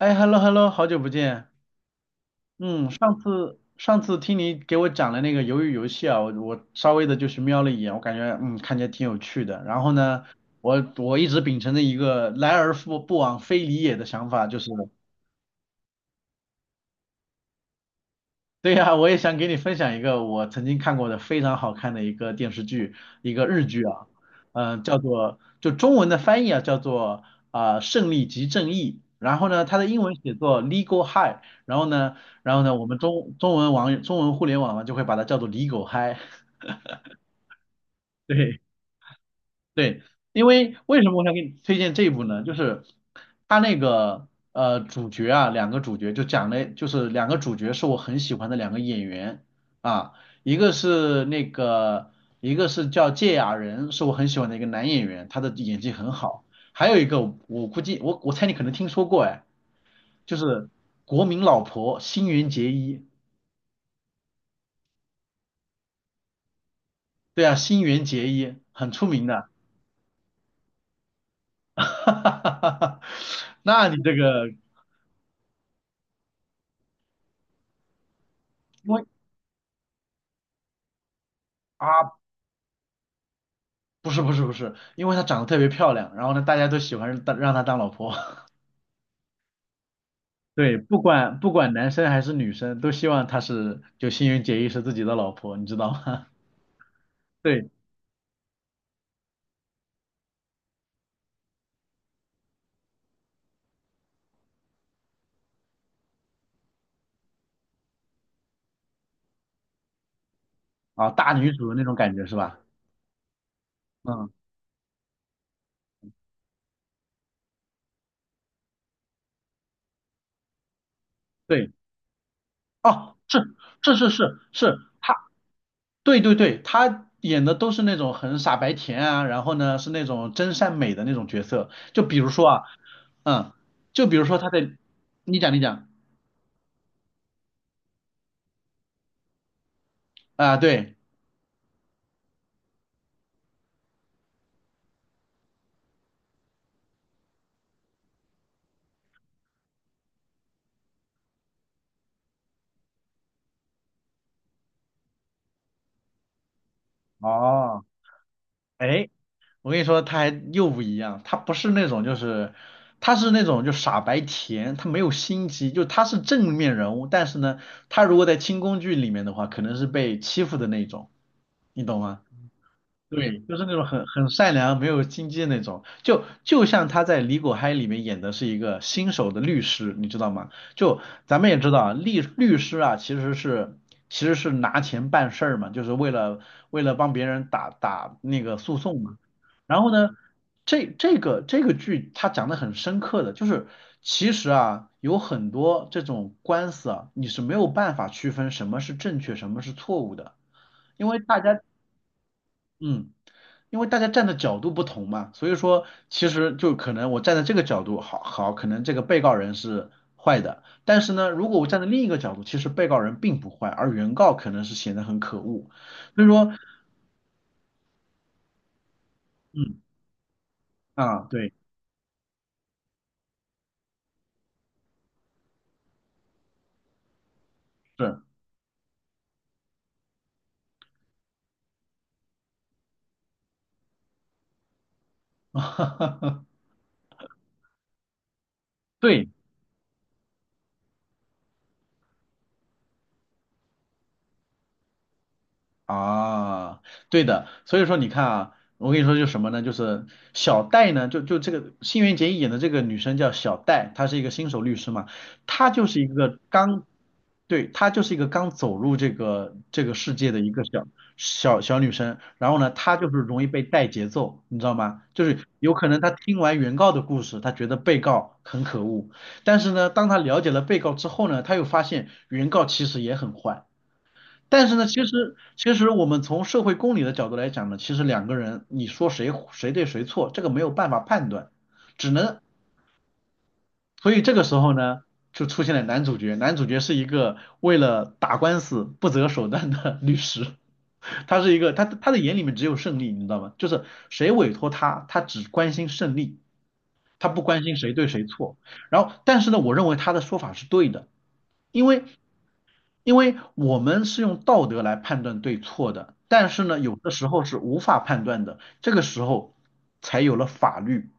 哎，hello hello，好久不见。嗯，上次听你给我讲了那个鱿鱼游戏啊，我稍微的就是瞄了一眼，我感觉嗯看起来挺有趣的。然后呢，我一直秉承着一个来而复不往非礼也的想法，就是。对呀，我也想给你分享一个我曾经看过的非常好看的一个电视剧，一个日剧啊，嗯、叫做就中文的翻译啊，叫做啊、胜利即正义》，然后呢，它的英文写作 Legal High，然后呢，然后呢，我们中文网中文互联网呢就会把它叫做 Legal High，对。对，因为为什么我想给你推荐这一部呢？就是他那个主角啊，两个主角就讲了，就是两个主角是我很喜欢的两个演员啊，一个是那个一个是叫芥雅人，是我很喜欢的一个男演员，他的演技很好。还有一个我估计我猜你可能听说过哎，就是国民老婆新垣结衣，对啊，新垣结衣很出名的，哈哈哈哈哈那你这个因为。啊，不是，因为她长得特别漂亮，然后呢，大家都喜欢当让她当老婆。对，不管男生还是女生，都希望她是就新垣结衣是自己的老婆，你知道吗？对啊，大女主的那种感觉是吧？嗯，对，哦，是，她，对对对，她演的都是那种很傻白甜啊，然后呢是那种真善美的那种角色，就比如说啊，嗯，就比如说她的，你讲啊，对，哦，哎。我跟你说，他还又不一样，他不是那种就是，他是那种就傻白甜，他没有心机，就他是正面人物，但是呢，他如果在清宫剧里面的话，可能是被欺负的那种，你懂吗？对，就是那种很善良、没有心机的那种，就像他在《李果嗨》里面演的是一个新手的律师，你知道吗？就咱们也知道啊，律师啊，其实是其实是拿钱办事儿嘛，就是为了为了帮别人打那个诉讼嘛。然后呢，这个剧它讲的很深刻的，就是其实啊，有很多这种官司啊，你是没有办法区分什么是正确，什么是错误的，因为大家嗯，因为大家站的角度不同嘛，所以说其实就可能我站在这个角度好，可能这个被告人是坏的，但是呢，如果我站在另一个角度，其实被告人并不坏，而原告可能是显得很可恶，所以说，嗯啊，对，是，对，啊，对的，所以说你看啊，我跟你说就是什么呢？就是小戴呢，就这个新垣结衣演的这个女生叫小戴，她是一个新手律师嘛，她就是一个刚，对，她就是一个刚走入这个世界的一个小小女生，然后呢，她就是容易被带节奏，你知道吗？就是有可能她听完原告的故事，她觉得被告很可恶，但是呢，当她了解了被告之后呢，她又发现原告其实也很坏。但是呢，其实我们从社会公理的角度来讲呢，其实两个人你说谁对谁错，这个没有办法判断，只能所以这个时候呢，就出现了男主角，男主角是一个为了打官司不择手段的 律师，他是一个他的眼里面只有胜利，你知道吗？就是谁委托他，他只关心胜利，他不关心谁对谁错。然后，但是呢，我认为他的说法是对的，因为因为我们是用道德来判断对错的，但是呢，有的时候是无法判断的，这个时候才有了法律。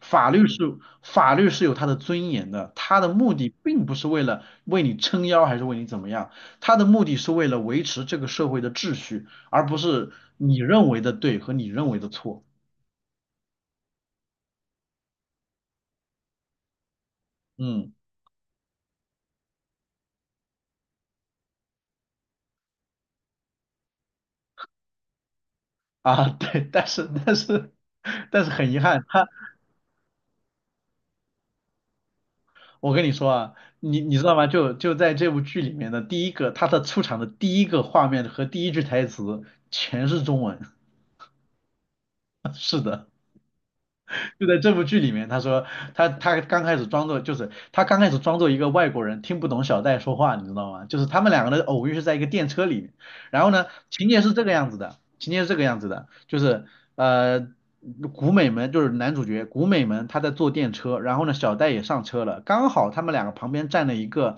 法律嗯是法律是有它的尊严的，它的目的并不是为了为你撑腰还是为你怎么样，它的目的是为了维持这个社会的秩序，而不是你认为的对和你认为的错。嗯啊，对，但是但是很遗憾，它我跟你说啊，你你知道吗？就在这部剧里面的第一个，他的出场的第一个画面和第一句台词全是中文。是的。就在这部剧里面，他说他刚开始装作就是他刚开始装作一个外国人听不懂小戴说话，你知道吗？就是他们两个的偶遇是在一个电车里面，然后呢，情节是这个样子的，情节是这个样子的，就是呃。古美门就是男主角古美门，他在坐电车，然后呢，小戴也上车了，刚好他们两个旁边站了一个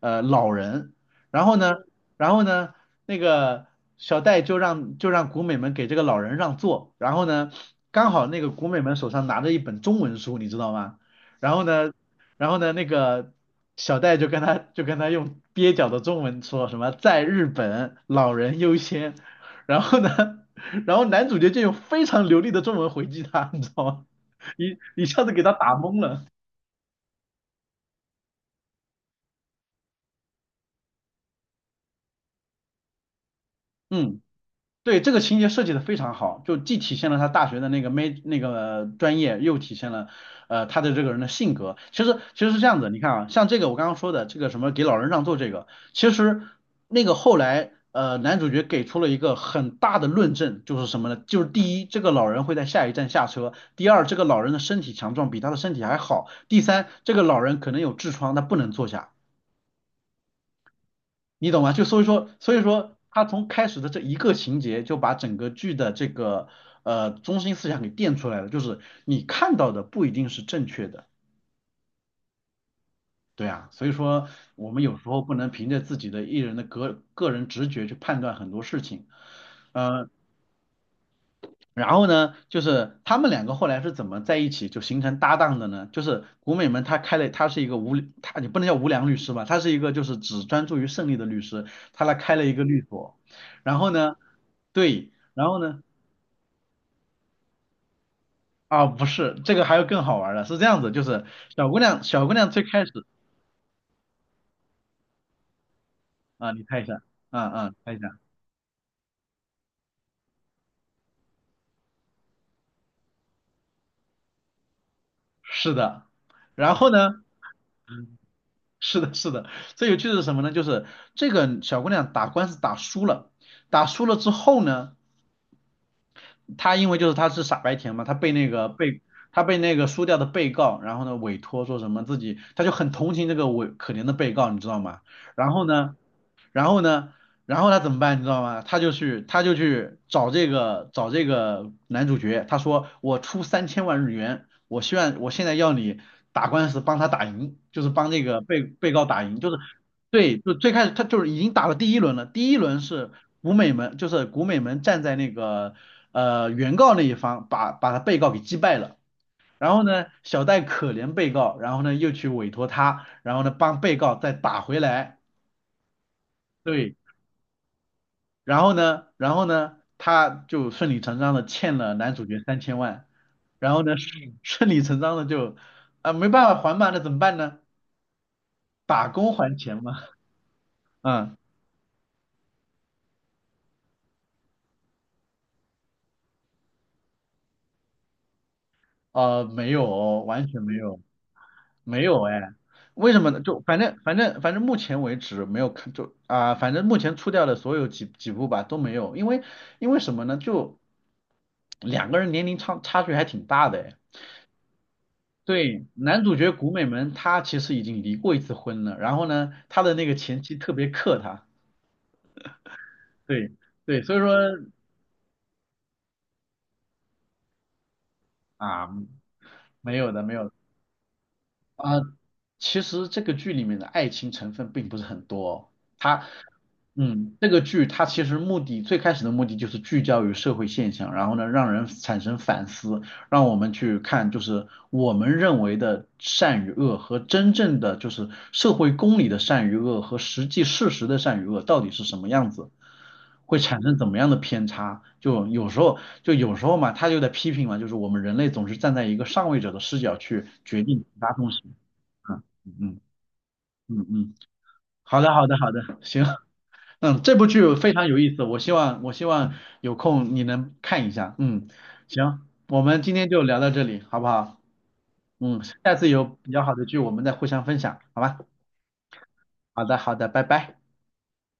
老人，然后呢，然后呢，那个小戴就让古美们给这个老人让座，然后呢，刚好那个古美们手上拿着一本中文书，你知道吗？然后呢，然后呢，那个小戴就跟他用蹩脚的中文说什么在日本老人优先，然后呢，然后男主角就用非常流利的中文回击他，你知道吗？一下子给他打懵了，嗯。对，这个情节设计的非常好，就既体现了他大学的那个没那个专业，又体现了他的这个人的性格。其实是这样子，你看啊，像这个我刚刚说的这个什么给老人让座这个，其实那个后来男主角给出了一个很大的论证，就是什么呢？就是第一，这个老人会在下一站下车；第二，这个老人的身体强壮，比他的身体还好；第三，这个老人可能有痔疮，他不能坐下。你懂吗？就所以说，所以说他从开始的这一个情节就把整个剧的这个中心思想给垫出来了，就是你看到的不一定是正确的，对啊，所以说我们有时候不能凭着自己的艺人的个人直觉去判断很多事情，呃，然后呢，就是他们两个后来是怎么在一起就形成搭档的呢？就是古美门他开了，他是一个无，他你不能叫无良律师吧，他是一个就是只专注于胜利的律师，他来开了一个律所。然后呢，对，然后呢，啊不是，这个还有更好玩儿的，是这样子，就是小姑娘最开始啊，你猜一下，啊，猜一下，是的。然后呢，是的，最有趣的是什么呢？就是这个小姑娘打官司打输了，打输了之后呢。他因为就是他是傻白甜嘛，他被那个输掉的被告，然后呢委托说什么自己，他就很同情这个可怜的被告，你知道吗？然后呢，然后呢，然后他怎么办，你知道吗？他就去找这个男主角，他说我出3000万日元，我希望我现在要你打官司帮他打赢，就是帮这个被告打赢，就是。对，就最开始他就是已经打了第一轮了，第一轮是古美门，就是古美门站在那个原告那一方把他被告给击败了，然后呢小戴可怜被告，然后呢又去委托他，然后呢帮被告再打回来，对，然后呢他就顺理成章的欠了男主角三千万，然后呢顺理成章的就啊、没办法还嘛，那怎么办呢？打工还钱嘛，嗯。没有哦，完全没有，没有哎，为什么呢？就反正反正目前为止没有看，就啊、反正目前出掉的所有几部吧都没有，因为因为什么呢？就两个人年龄差距还挺大的哎。对，男主角古美门他其实已经离过一次婚了，然后呢，他的那个前妻特别克他，对对，所以说啊，没有的啊。其实这个剧里面的爱情成分并不是很多哦，他。嗯，这个剧它其实最开始的目的就是聚焦于社会现象，然后呢，让人产生反思，让我们去看就是我们认为的善与恶和真正的就是社会公理的善与恶和实际事实的善与恶到底是什么样子，会产生怎么样的偏差。就有时候嘛，他就在批评嘛，就是我们人类总是站在一个上位者的视角去决定其他东西。嗯嗯嗯。好的，好的，好的，行，嗯，这部剧非常有意思，我希望有空你能看一下，嗯，行，我们今天就聊到这里，好不好？嗯，下次有比较好的剧我们再互相分享，好吧？好的，好的，拜拜。